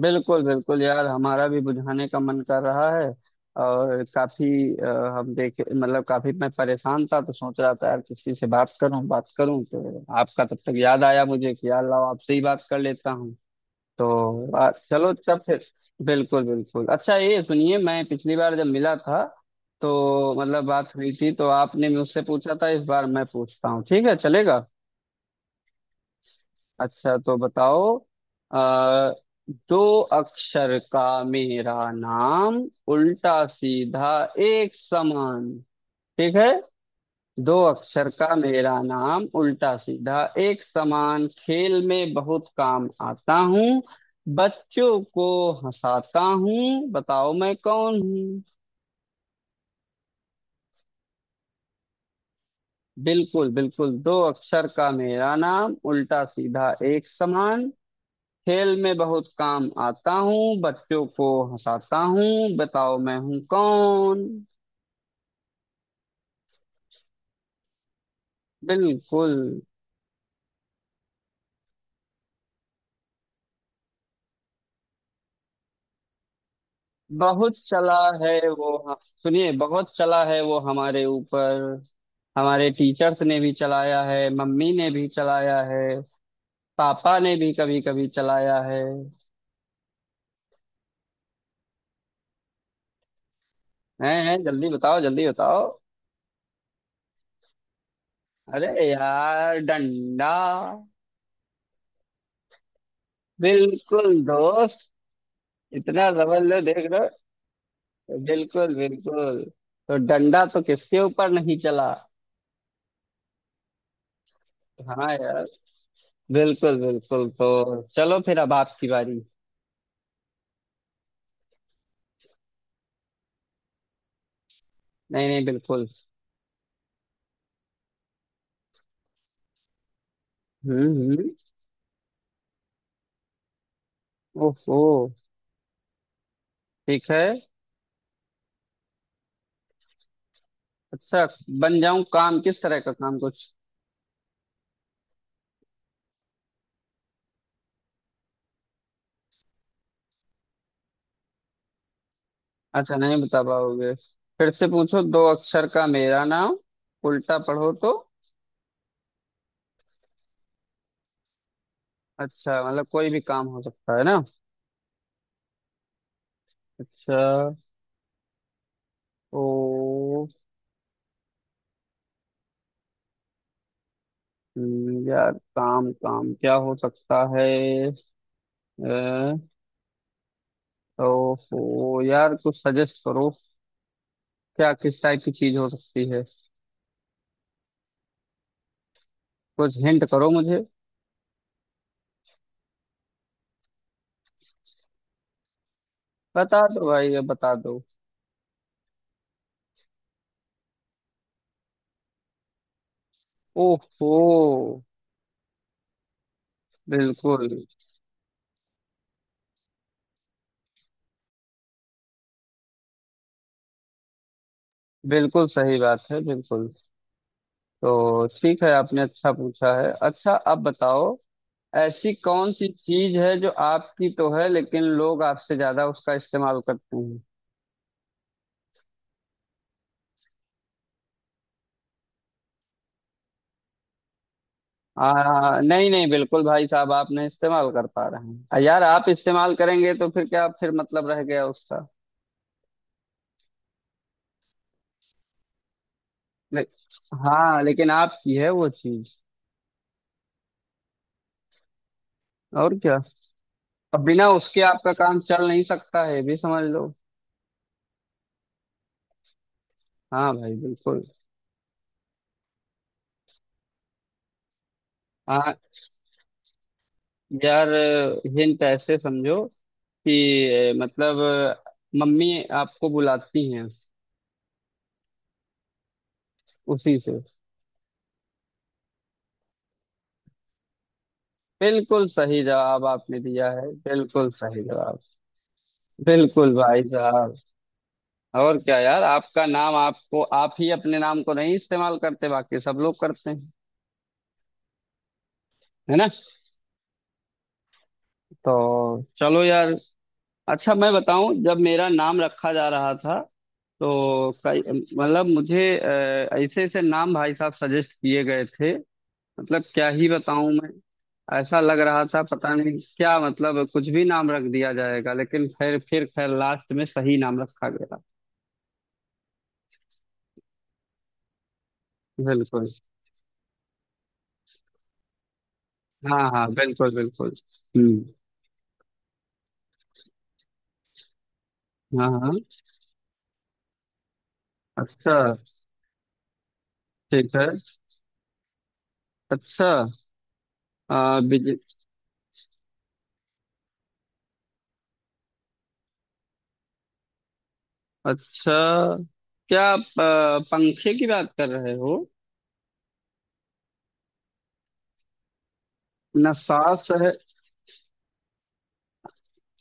बिल्कुल बिल्कुल यार, हमारा भी बुझाने का मन कर रहा है। और काफी अ, हम देखे मतलब काफी मैं परेशान था, तो सोच रहा था यार किसी से बात करूं, बात करूं तो आपका तब तक याद आया मुझे कि यार लाओ आपसे ही बात कर लेता हूं। तो चलो सब फिर। बिल्कुल बिल्कुल, अच्छा ये सुनिए, मैं पिछली बार जब मिला था तो मतलब बात हुई थी, तो आपने मुझसे पूछा था, इस बार मैं पूछता हूँ, ठीक है चलेगा? अच्छा तो बताओ, दो अक्षर का मेरा नाम, उल्टा सीधा एक समान, ठीक है। दो अक्षर का मेरा नाम उल्टा सीधा एक समान, खेल में बहुत काम आता हूँ, बच्चों को हंसाता हूँ, बताओ मैं कौन हूँ? बिल्कुल बिल्कुल, दो अक्षर का मेरा नाम उल्टा सीधा एक समान, खेल में बहुत काम आता हूँ, बच्चों को हंसाता हूँ, बताओ मैं हूँ कौन? बिल्कुल। बहुत चला है वो, सुनिए बहुत चला है वो हमारे ऊपर, हमारे टीचर्स ने भी चलाया है, मम्मी ने भी चलाया है, पापा ने भी कभी कभी चलाया है। हैं, जल्दी बताओ जल्दी बताओ। अरे यार, डंडा। बिल्कुल दोस्त, इतना जबरदस्त, लो देख लो। बिल्कुल बिल्कुल, तो डंडा तो किसके ऊपर नहीं चला। हाँ यार, बिल्कुल बिल्कुल, तो चलो फिर, अब आपकी बारी। नहीं नहीं बिल्कुल। हम्म। ओहो, ठीक है। अच्छा, बन जाऊं काम, किस तरह का काम कुछ? अच्छा नहीं बता पाओगे। फिर से पूछो, दो अक्षर का मेरा नाम उल्टा पढ़ो तो। अच्छा मतलब कोई भी काम हो सकता है ना। अच्छा। ओ। यार काम काम क्या हो सकता है? अ, ओहो यार, कुछ सजेस्ट करो, क्या किस टाइप की चीज हो सकती है? कुछ हिंट करो मुझे। बता दो भाई, अब बता दो। ओहो। बिल्कुल। बिल्कुल सही बात है, बिल्कुल। तो ठीक है, आपने अच्छा पूछा है। अच्छा अब बताओ, ऐसी कौन सी चीज है जो आपकी तो है, लेकिन लोग आपसे ज्यादा उसका इस्तेमाल करते हैं? नहीं नहीं, बिल्कुल भाई साहब, आप नहीं इस्तेमाल कर पा रहे हैं। यार आप इस्तेमाल करेंगे तो फिर क्या, फिर मतलब रह गया उसका? ले, हाँ, लेकिन आपकी है वो चीज। और क्या, अब बिना उसके आपका काम चल नहीं सकता है, ये भी समझ लो। हाँ भाई बिल्कुल। हाँ, यार हिंट ऐसे समझो कि मतलब मम्मी आपको बुलाती हैं उसी से। बिल्कुल सही जवाब आपने दिया है, बिल्कुल सही जवाब। बिल्कुल भाई साहब। और क्या यार, आपका नाम आपको, आप ही अपने नाम को नहीं इस्तेमाल करते, बाकी सब लोग करते हैं, है ना? तो चलो यार। अच्छा मैं बताऊं, जब मेरा नाम रखा जा रहा था तो कई मतलब मुझे ऐसे ऐसे नाम भाई साहब सजेस्ट किए गए थे, मतलब क्या ही बताऊं मैं। ऐसा लग रहा था पता नहीं क्या, मतलब कुछ भी नाम रख दिया जाएगा, लेकिन फिर खैर लास्ट में सही नाम रखा गया। बिल्कुल। हाँ हाँ बिल्कुल बिल्कुल। हम्म। हाँ हाँ। अच्छा। ठीक है। अच्छा। आ, बिज- अच्छा, क्या आप पंखे की बात कर रहे हो? न सांस है।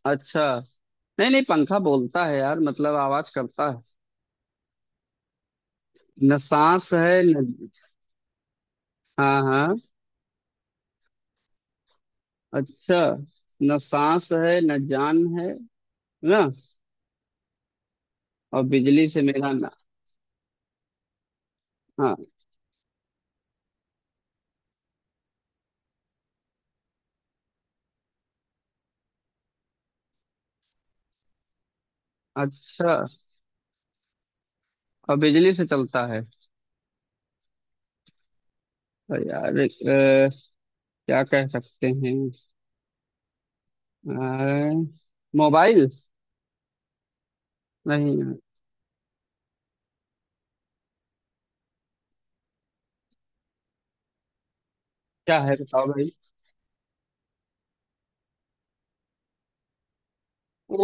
अच्छा, नहीं नहीं, पंखा बोलता है यार, मतलब आवाज करता है। न सांस है न। हाँ हाँ। अच्छा। न सांस है न जान है, ना। और बिजली से मेरा ना। हाँ। अच्छा। और बिजली से चलता है, तो यार क्या कह सकते हैं? अ, मोबाइल? नहीं। क्या है बताओ भाई?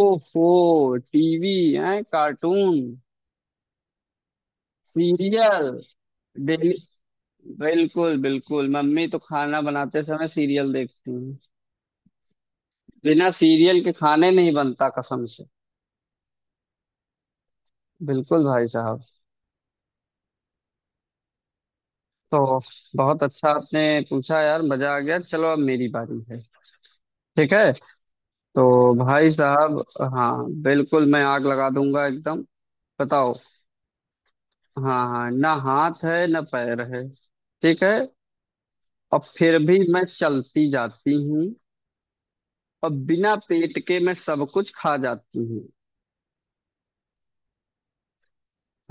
ओहो टीवी। है कार्टून। Serial, daily. बिल्कुल बिल्कुल, मम्मी तो खाना बनाते समय सीरियल देखती हैं, बिना सीरियल के खाने नहीं बनता कसम से। बिल्कुल भाई साहब। तो बहुत अच्छा आपने पूछा यार, मजा आ गया। चलो अब मेरी बारी है। ठीक है, तो भाई साहब, हाँ बिल्कुल, मैं आग लगा दूंगा एकदम। बताओ, हाँ हाँ, ना हाथ है ना पैर है, ठीक है, और फिर भी मैं चलती जाती हूँ, और बिना पेट के मैं सब कुछ खा जाती हूँ।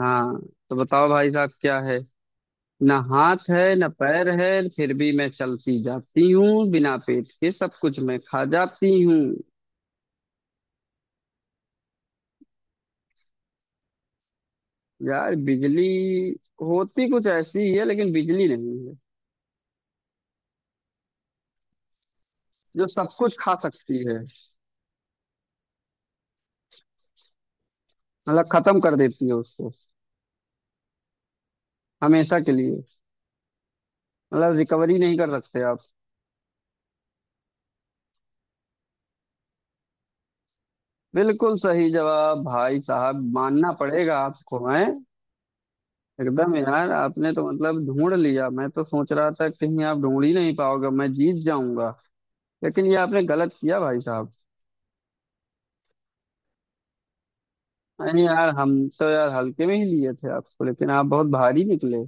हाँ। तो बताओ भाई साहब क्या है, ना हाथ है ना पैर है, फिर भी मैं चलती जाती हूँ, बिना पेट के सब कुछ मैं खा जाती हूँ। यार बिजली होती कुछ ऐसी ही है, लेकिन बिजली नहीं है। जो सब कुछ खा सकती है, मतलब खत्म कर देती है उसको, हमेशा के लिए, मतलब रिकवरी नहीं कर सकते आप। बिल्कुल सही जवाब भाई साहब, मानना पड़ेगा आपको है एकदम। यार आपने तो मतलब ढूंढ लिया, मैं तो सोच रहा था कहीं आप ढूंढ ही नहीं पाओगे, मैं जीत जाऊंगा, लेकिन ये आपने गलत किया भाई साहब। नहीं यार हम तो यार हल्के में ही लिए थे आपको, लेकिन आप बहुत भारी निकले।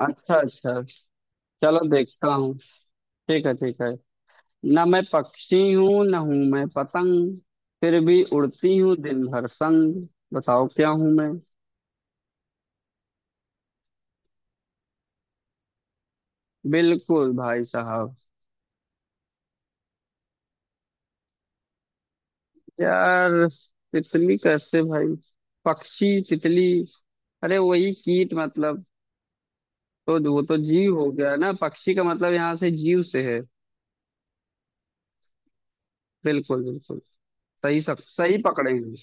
अच्छा अच्छा। चलो देखता हूँ। ठीक है ठीक है। ना मैं पक्षी हूँ ना हूँ मैं पतंग, फिर भी उड़ती हूँ दिन भर संग, बताओ क्या हूँ मैं? बिल्कुल भाई साहब। यार तितली कैसे भाई? पक्षी तितली? अरे वही कीट मतलब, तो वो तो जीव हो गया ना, पक्षी का मतलब यहाँ से जीव से है। बिल्कुल बिल्कुल। सही सही पकड़े हैं।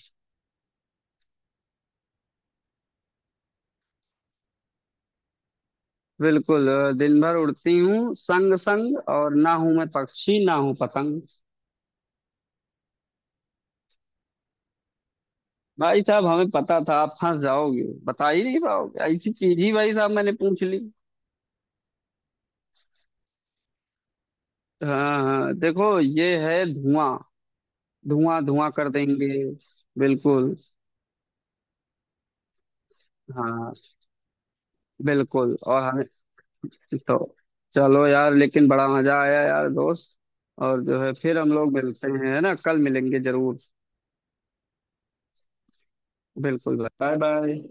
बिल्कुल, दिन भर उड़ती हूँ संग संग, और ना हूँ मैं पक्षी ना हूँ पतंग। भाई साहब हमें पता था आप फंस जाओगे, बता ही नहीं पाओगे, ऐसी चीज ही भाई साहब मैंने पूछ ली। हाँ हाँ, देखो ये है धुआं, धुआं धुआं कर देंगे। बिल्कुल। हाँ बिल्कुल, और हमें तो चलो यार, लेकिन बड़ा मजा आया यार दोस्त, और जो है, फिर हम लोग मिलते हैं, है ना, कल मिलेंगे जरूर। बिल्कुल, बाय बाय।